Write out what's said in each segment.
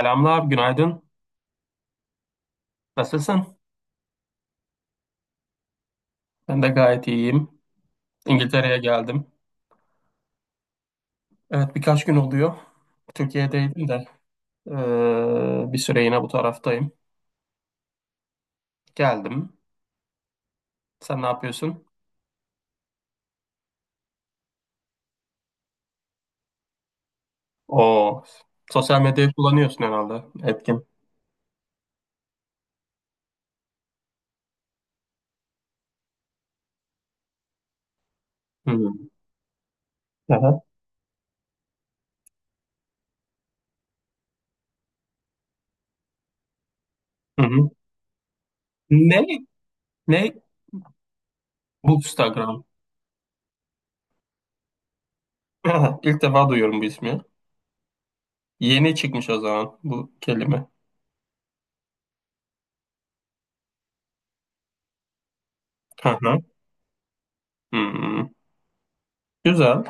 Selamlar, günaydın. Nasılsın? Ben de gayet iyiyim. İngiltere'ye geldim. Evet, birkaç gün oluyor. Türkiye'deydim de bir süre yine bu taraftayım. Geldim. Sen ne yapıyorsun? O sosyal medyayı kullanıyorsun herhalde. Etkin. Hı hı. Aha. Hı hı. Ne? Ne? Bookstagram. Aha, İlk defa duyuyorum bu ismi. Yeni çıkmış o zaman bu kelime. Hı hı. Hı. Güzel.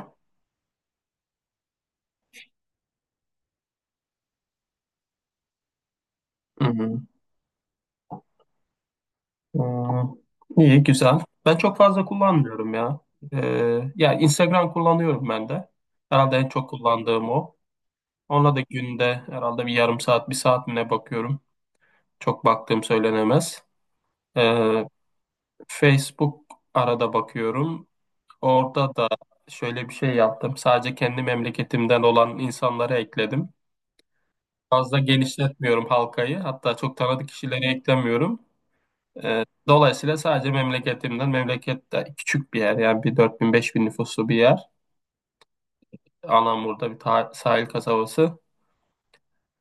Hı hı. Ee, iyi, güzel. Ben çok fazla kullanmıyorum ya. Yani Instagram kullanıyorum ben de. Herhalde en çok kullandığım o. Ona da günde herhalde bir yarım saat, bir saat mi ne bakıyorum. Çok baktığım söylenemez. Ee, Facebook arada bakıyorum. Orada da şöyle bir şey yaptım. Sadece kendi memleketimden olan insanları ekledim. Fazla genişletmiyorum halkayı. Hatta çok tanıdık kişileri eklemiyorum. Dolayısıyla sadece memleketimden, memleket de küçük bir yer yani bir 4000 bin nüfuslu bir yer. Anamur'da sahil kasabası.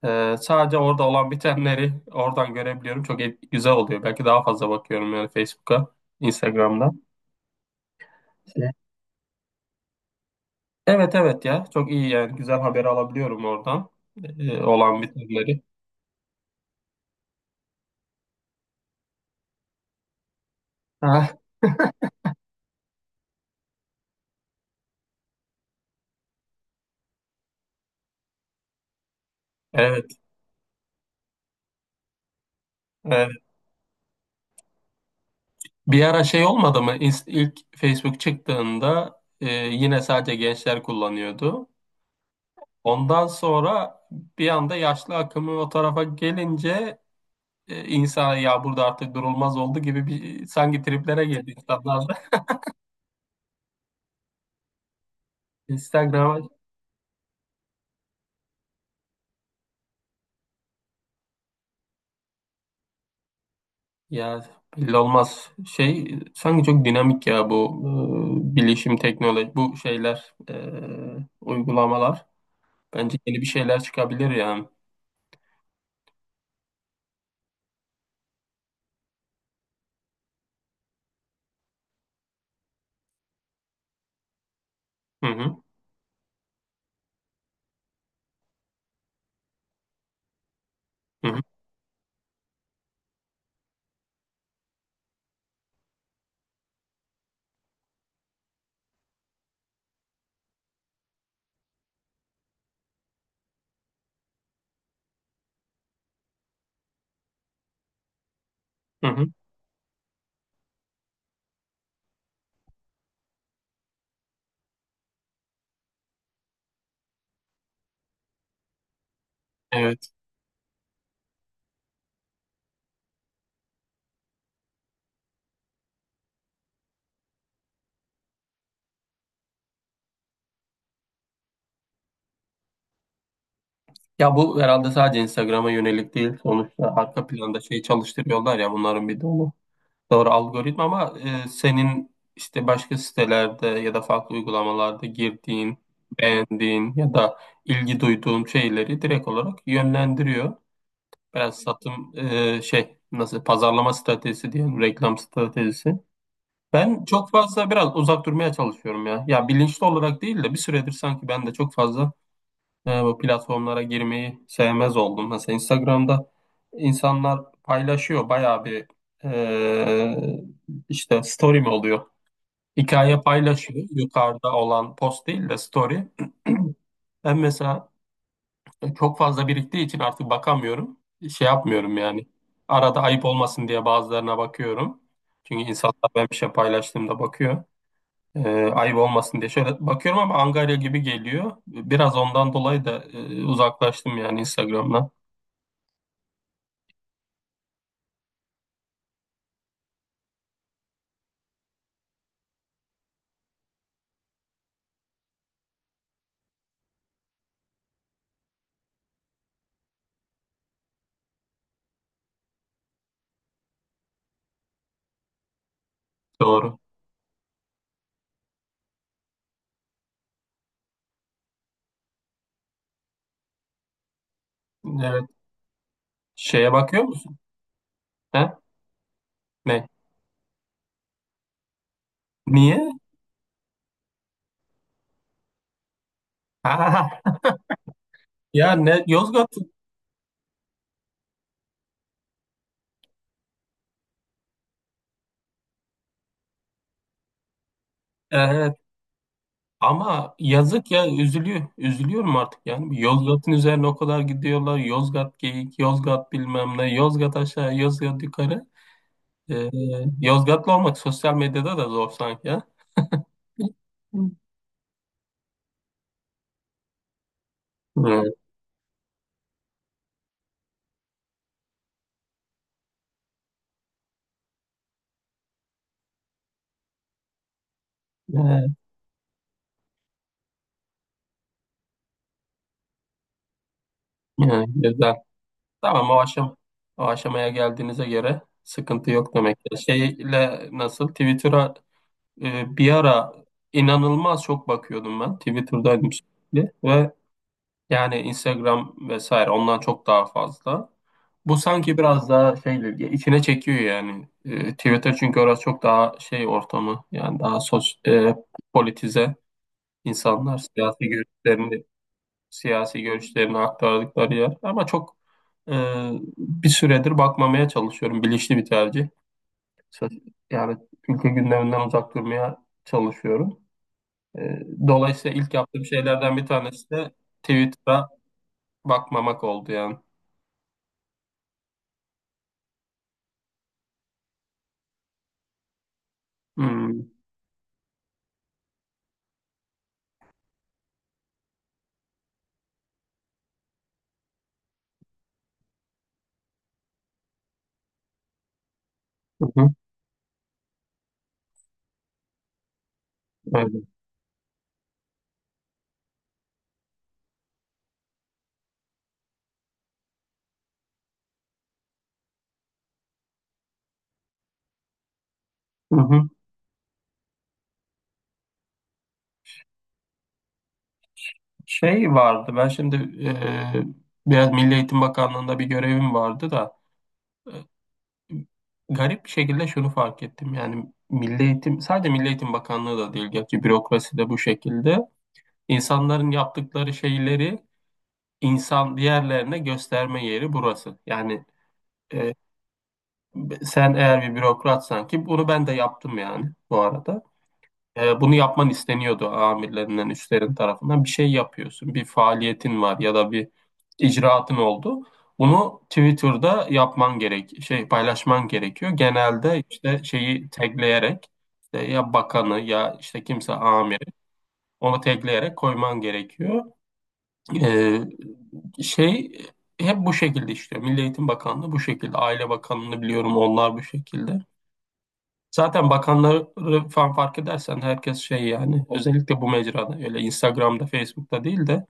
Sadece orada olan bitenleri oradan görebiliyorum. Güzel oluyor. Belki daha fazla bakıyorum yani Facebook'a, Instagram'da. Evet, evet ya çok iyi yani güzel haberi alabiliyorum oradan. Olan bitenleri. Ha, evet, evet. Bir ara şey olmadı mı? İlk Facebook çıktığında yine sadece gençler kullanıyordu. Ondan sonra bir anda yaşlı akımı o tarafa gelince insana ya burada artık durulmaz oldu gibi bir sanki triplere girdi insanlar da. Instagram'a ya belli olmaz. Şey sanki çok dinamik ya bu bilişim teknoloji bu şeyler uygulamalar. Bence yeni bir şeyler çıkabilir yani. Hı hı, hı hı, hı hı. Evet. Ya bu herhalde sadece Instagram'a yönelik değil. Sonuçta arka planda şey çalıştırıyorlar ya bunların bir dolu. Doğru algoritma ama senin işte başka sitelerde ya da farklı uygulamalarda girdiğin, beğendiğin ya da ilgi duyduğun şeyleri direkt olarak yönlendiriyor. Biraz satım şey nasıl pazarlama stratejisi diyelim, reklam stratejisi. Ben çok fazla biraz uzak durmaya çalışıyorum ya. Ya bilinçli olarak değil de bir süredir sanki ben de çok fazla bu platformlara girmeyi sevmez oldum. Mesela Instagram'da insanlar paylaşıyor bayağı bir işte story mi oluyor? Hikaye paylaşıyor. Yukarıda olan post değil de story. Ben mesela çok fazla biriktiği için artık bakamıyorum. Şey yapmıyorum yani. Arada ayıp olmasın diye bazılarına bakıyorum. Çünkü insanlar ben bir şey paylaştığımda bakıyor. E, Ayıp olmasın diye şöyle bakıyorum ama angarya gibi geliyor. Biraz ondan dolayı da uzaklaştım yani Instagram'dan. Doğru. Evet. Şeye bakıyor musun? He? Ne? Niye? Ya ne Yozgat? e, Ama yazık ya üzülüyor. Üzülüyorum artık yani. Yozgat'ın üzerine o kadar gidiyorlar. Yozgat geyik, Yozgat bilmem ne, Yozgat aşağı, Yozgat yukarı. Ee, Yozgatlı olmak sosyal medyada da zor sanki ya. Evet, evet, evet, güzel. Tamam o aşamaya geldiğinize göre sıkıntı yok demek ki. Şeyle nasıl Twitter'a bir ara inanılmaz çok bakıyordum ben. Twitter'daydım sürekli ve yani Instagram vesaire ondan çok daha fazla. Bu sanki biraz daha şeydir ya içine çekiyor yani. Twitter çünkü orası çok daha şey ortamı yani politize insanlar siyasi görüşlerini aktardıkları yer. Ama çok e, bir süredir bakmamaya çalışıyorum. Bilinçli bir tercih. Sos- Yani ülke gündeminden uzak durmaya çalışıyorum. E, Dolayısıyla ilk yaptığım şeylerden bir tanesi de Twitter'a bakmamak oldu yani. Hmm. Hı hı, evet. Hı hı. Şey vardı ben şimdi e, biraz Milli Eğitim Bakanlığı'nda bir görevim vardı da e, garip bir şekilde şunu fark ettim yani Milli Eğitim sadece Milli Eğitim Bakanlığı da değil gerçi bürokrasi de bu şekilde insanların yaptıkları şeyleri insan diğerlerine gösterme yeri burası yani e, sen eğer bir bürokratsan ki bunu ben de yaptım yani bu arada. Bunu yapman isteniyordu amirlerinden, üstlerin tarafından. Bir şey yapıyorsun, bir faaliyetin var ya da bir icraatın oldu. Bunu Twitter'da yapman gerek, şey paylaşman gerekiyor. Genelde işte şeyi tagleyerek işte ya bakanı ya işte kimse amiri onu tagleyerek koyman gerekiyor. E, Şey hep bu şekilde işliyor. Milli Eğitim Bakanlığı bu şekilde, Aile Bakanlığı'nı biliyorum onlar bu şekilde. Zaten bakanları falan fark edersen herkes şey yani özellikle bu mecrada öyle Instagram'da, Facebook'ta değil de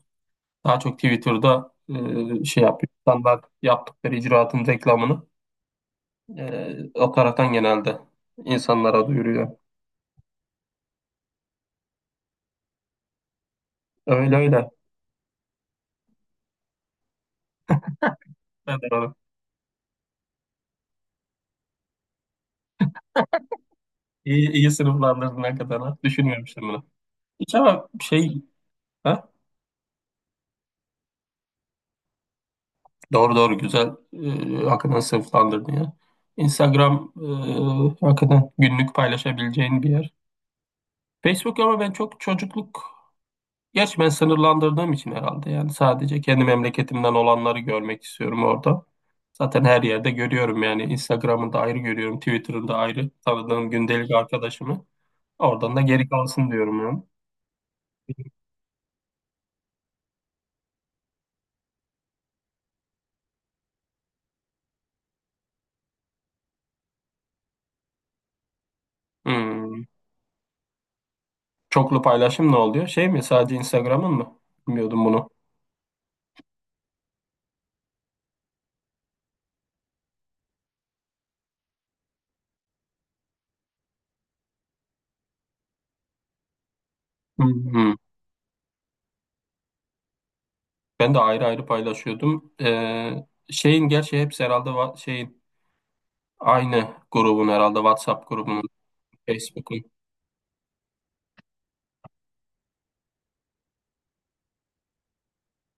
daha çok Twitter'da şey yapıyor. İnsanlar yaptıkları icraatın reklamını o taraftan genelde insanlara duyuruyor. Öyle öyle. Evet, doğru. İyi, iyi sınıflandırdın hakikaten, ha. Düşünmemiştim bunu. Hiç ama şey, ha? Doğru doğru güzel hakikaten sınıflandırdın ya. Instagram hakikaten günlük paylaşabileceğin bir yer. Facebook ama ben çok çocukluk, gerçi ben sınırlandırdığım için herhalde yani sadece kendi memleketimden olanları görmek istiyorum orada. Zaten her yerde görüyorum yani Instagram'ında ayrı görüyorum, Twitter'ında da ayrı tanıdığım gündelik arkadaşımı. Oradan da geri kalsın diyorum yani. Hmm. Çoklu paylaşım ne oluyor? Şey mi sadece Instagram'ın mı? Bilmiyordum bunu. Hmm. Ben de ayrı ayrı paylaşıyordum. Şeyin gerçi hepsi herhalde şeyin aynı grubun herhalde WhatsApp grubunun, Facebook'un.